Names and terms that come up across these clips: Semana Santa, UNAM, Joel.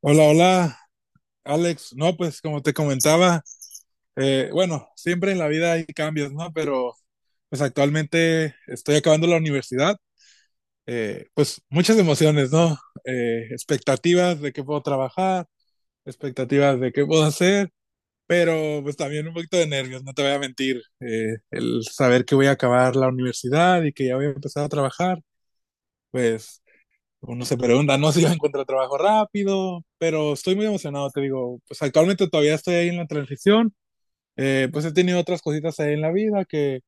Hola, hola, Alex. No, pues como te comentaba, bueno, siempre en la vida hay cambios, ¿no? Pero pues actualmente estoy acabando la universidad. Pues muchas emociones, ¿no? Expectativas de qué puedo trabajar, expectativas de qué puedo hacer, pero pues también un poquito de nervios, no te voy a mentir. El saber que voy a acabar la universidad y que ya voy a empezar a trabajar, pues uno se pregunta, no sé si yo encuentro trabajo rápido, pero estoy muy emocionado, te digo, pues actualmente todavía estoy ahí en la transición, pues he tenido otras cositas ahí en la vida que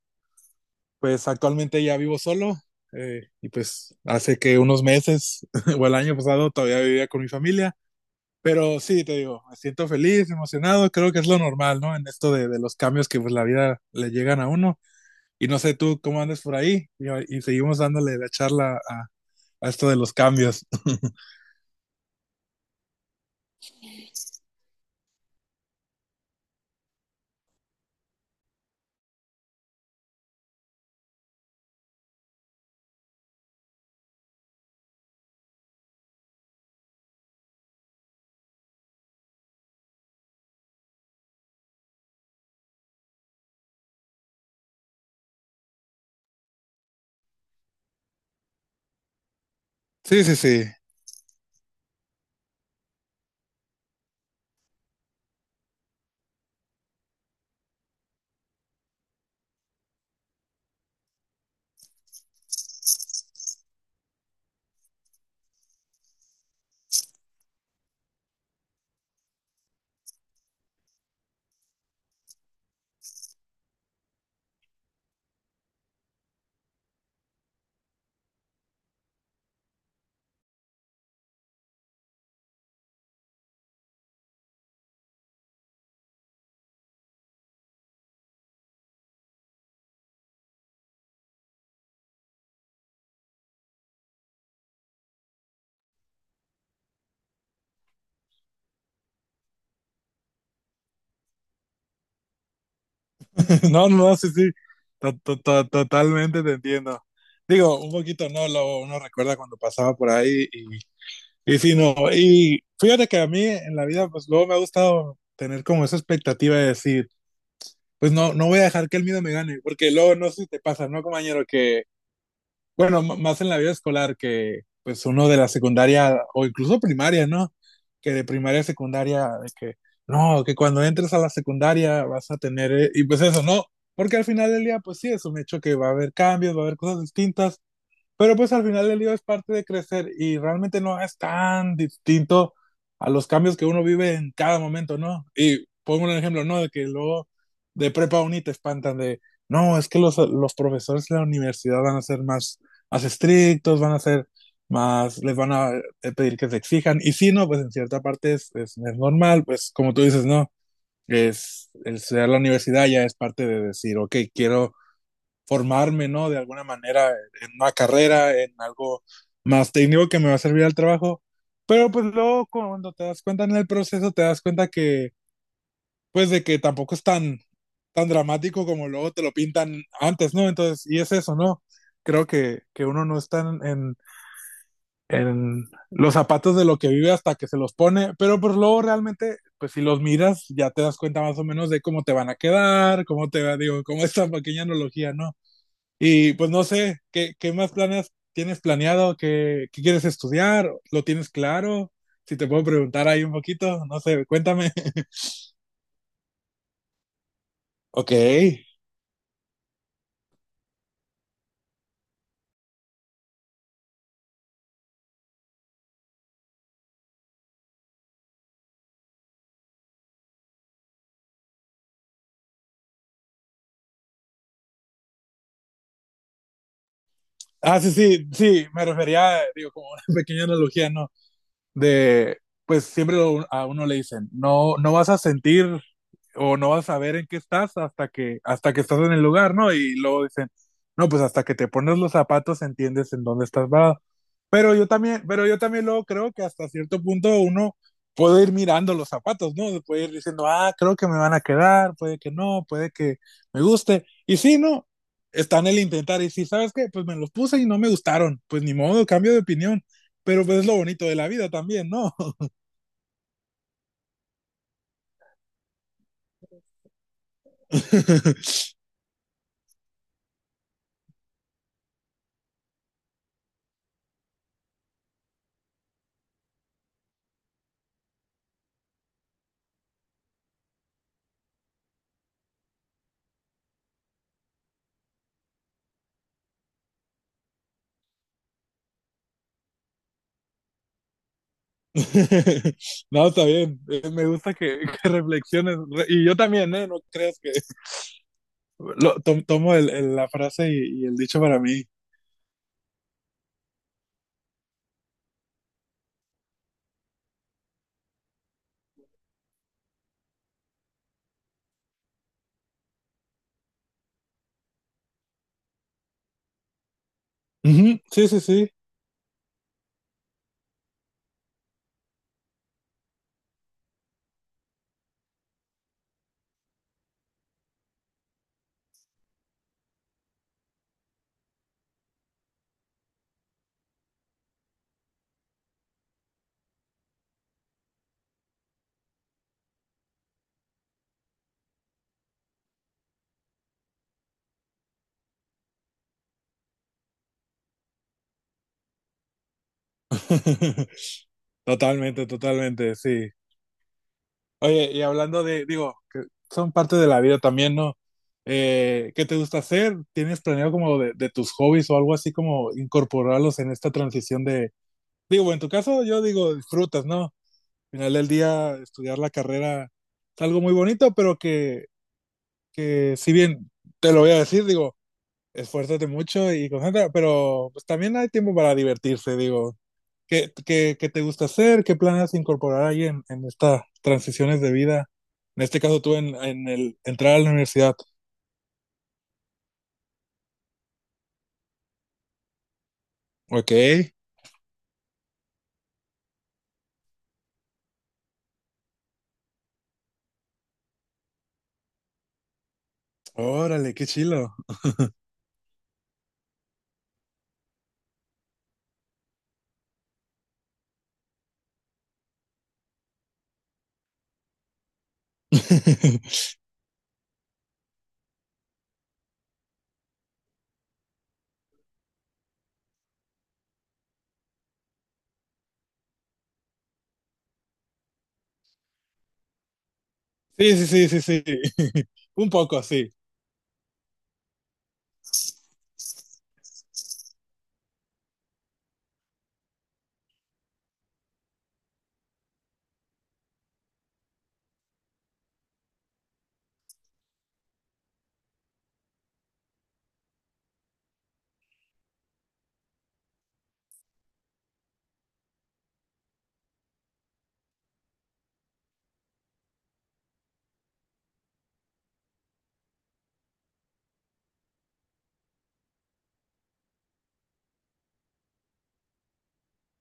pues actualmente ya vivo solo, y pues hace que unos meses o el año pasado todavía vivía con mi familia, pero sí, te digo, me siento feliz, emocionado, creo que es lo normal, ¿no? En esto de los cambios que pues la vida le llegan a uno, y no sé tú cómo andes por ahí, y seguimos dándole la charla a esto de los cambios. Sí, sí, sí. No, no, sí, sí. Totalmente te entiendo. Digo, un poquito no, lo, uno recuerda cuando pasaba por ahí y sí, no. Y fíjate que a mí en la vida, pues luego me ha gustado tener como esa expectativa de decir, pues no, no voy a dejar que el miedo me gane, porque luego no sé si te pasa, ¿no, compañero? Que bueno, más en la vida escolar que pues uno de la secundaria o incluso primaria, ¿no? Que de primaria a secundaria, de que no, que cuando entres a la secundaria vas a tener, y pues eso, no, porque al final del día, pues sí, es un hecho que va a haber cambios, va a haber cosas distintas, pero pues al final el lío es parte de crecer y realmente no es tan distinto a los cambios que uno vive en cada momento, ¿no? Y pongo un ejemplo, ¿no? De que luego de prepa uni te espantan de, no, es que los profesores de la universidad van a ser más, más estrictos, van a ser más, les van a pedir que se exijan. Y si no, pues en cierta parte es normal, pues como tú dices, no, es el estudiar la universidad ya es parte de decir, ok, quiero formarme, ¿no? De alguna manera en una carrera, en algo más técnico que me va a servir al trabajo. Pero pues luego cuando te das cuenta en el proceso, te das cuenta que, pues de que tampoco es tan, tan dramático como luego te lo pintan antes, ¿no? Entonces, y es eso, ¿no? Creo que uno no está en los zapatos de lo que vive hasta que se los pone, pero pues luego realmente, pues si los miras, ya te das cuenta más o menos de cómo te van a quedar, cómo te va, digo, como esta pequeña analogía, ¿no? Y pues no sé, ¿qué, qué más planes tienes planeado? ¿Qué, qué quieres estudiar? ¿Lo tienes claro? Si te puedo preguntar ahí un poquito, no sé, cuéntame. Ok. Ah, sí, sí, sí, me refería, digo, como una pequeña analogía, ¿no? De, pues siempre a uno le dicen, no, no vas a sentir o no vas a ver en qué estás hasta que estás en el lugar, ¿no? Y luego dicen, no, pues hasta que te pones los zapatos entiendes en dónde estás parado. Pero yo también luego creo que hasta cierto punto uno puede ir mirando los zapatos, ¿no? Puede ir diciendo, ah, creo que me van a quedar, puede que no, puede que me guste. Y si no, está en el intentar. Y si sabes qué, pues me los puse y no me gustaron, pues ni modo, cambio de opinión. Pero pues es lo bonito de la vida también, ¿no? No, está bien. Me gusta que, que reflexiones. Y yo también, ¿eh? No creas que tomo la frase y el dicho para mí. Ujú, sí, sí, sí. Totalmente, totalmente, sí. Oye, y hablando de, digo, que son parte de la vida también, ¿no? ¿Qué te gusta hacer? ¿Tienes planeado como de tus hobbies o algo así como incorporarlos en esta transición de, digo, en tu caso yo digo, disfrutas, ¿no? Al final del día, estudiar la carrera es algo muy bonito, pero que si bien te lo voy a decir, digo, esfuérzate mucho y concentra, pero pues también hay tiempo para divertirse, digo. ¿Qué, qué, qué te gusta hacer? ¿Qué planes incorporar ahí en estas transiciones de vida? En este caso tú en el entrar a la universidad. Ok, órale, qué chilo. Sí, sí, sí, sí, sí. Un poco, sí.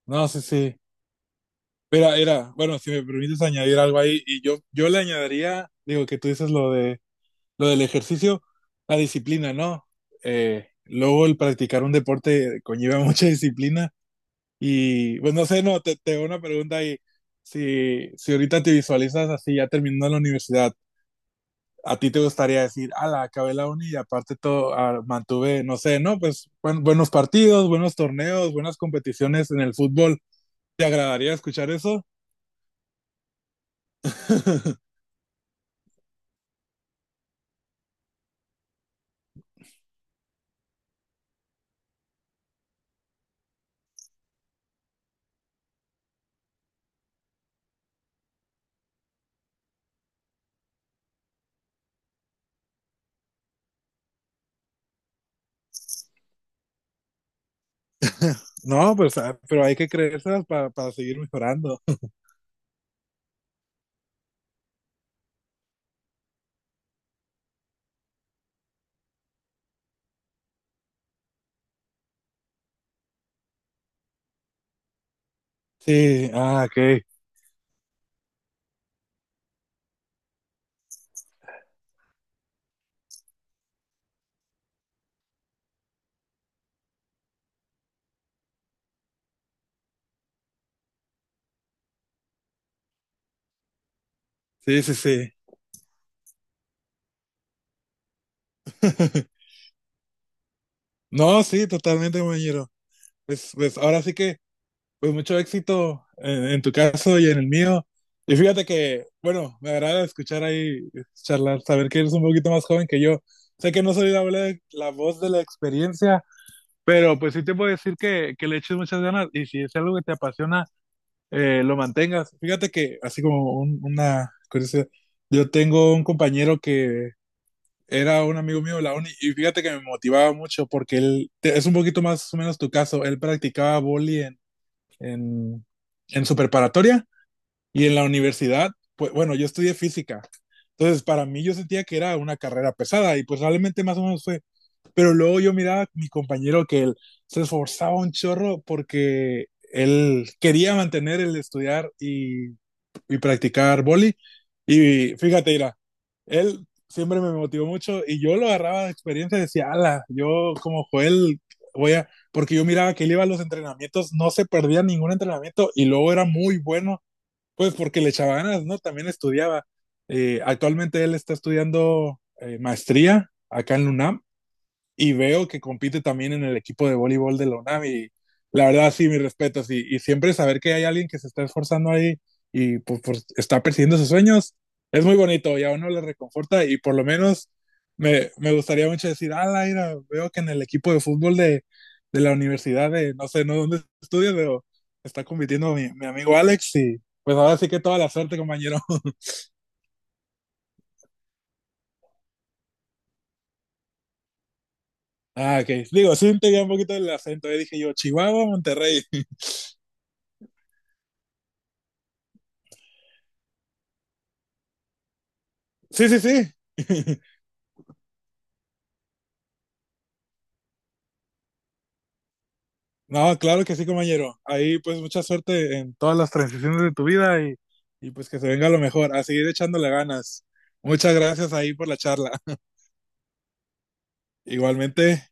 No, sí, sí. Mira, era, bueno, si me permites añadir algo ahí, y yo le añadiría, digo, que tú dices lo del ejercicio, la disciplina, ¿no? Luego el practicar un deporte conlleva mucha disciplina y, pues no sé, no, te hago una pregunta ahí. Si ahorita te visualizas así, ya terminando la universidad, ¿a ti te gustaría decir, ala, acabé la uni y aparte todo, ah, mantuve, no sé, no, pues buenos partidos, buenos torneos, buenas competiciones en el fútbol? ¿Te agradaría escuchar eso? No, pues, ah, pero hay que creérselas para seguir mejorando. Sí, ah, ok. Sí, sí, sí. No, sí, totalmente, compañero. Pues, pues ahora sí que, pues mucho éxito en tu caso y en el mío. Y fíjate que, bueno, me agrada escuchar ahí charlar, saber que eres un poquito más joven que yo. Sé que no soy la, la voz de la experiencia, pero pues sí te puedo decir que le eches muchas ganas y si es algo que te apasiona, lo mantengas. Fíjate que, así como una curiosidad, yo tengo un compañero que era un amigo mío de la uni y fíjate que me motivaba mucho porque él, es un poquito más o menos tu caso, él practicaba boli en, en su preparatoria y en la universidad, pues bueno, yo estudié física, entonces para mí yo sentía que era una carrera pesada y pues realmente más o menos fue, pero luego yo miraba a mi compañero que él se esforzaba un chorro porque él quería mantener el estudiar y practicar boli. Y fíjate, mira, él siempre me motivó mucho y yo lo agarraba de experiencia y decía, ala, yo como Joel voy a, porque yo miraba que él iba a los entrenamientos, no se perdía ningún entrenamiento y luego era muy bueno, pues porque le echaba ganas, ¿no? También estudiaba. Actualmente él está estudiando maestría acá en la UNAM y veo que compite también en el equipo de voleibol de la UNAM y la verdad sí, mis respetos y siempre saber que hay alguien que se está esforzando ahí y pues, pues, está persiguiendo sus sueños es muy bonito y a uno le reconforta y por lo menos me gustaría mucho decir, ah, Laira, veo que en el equipo de fútbol de la universidad de no sé, no dónde estudias, pero está compitiendo mi amigo Alex y pues ahora sí que toda la suerte, compañero. Ah, ok. Digo, sí, te veía un poquito el acento. Yo dije yo, Chihuahua, Monterrey. Sí, sí, sí. No, claro que sí, compañero. Ahí pues mucha suerte en todas las transiciones de tu vida y pues que se venga lo mejor, a seguir echándole ganas. Muchas gracias ahí por la charla. Igualmente.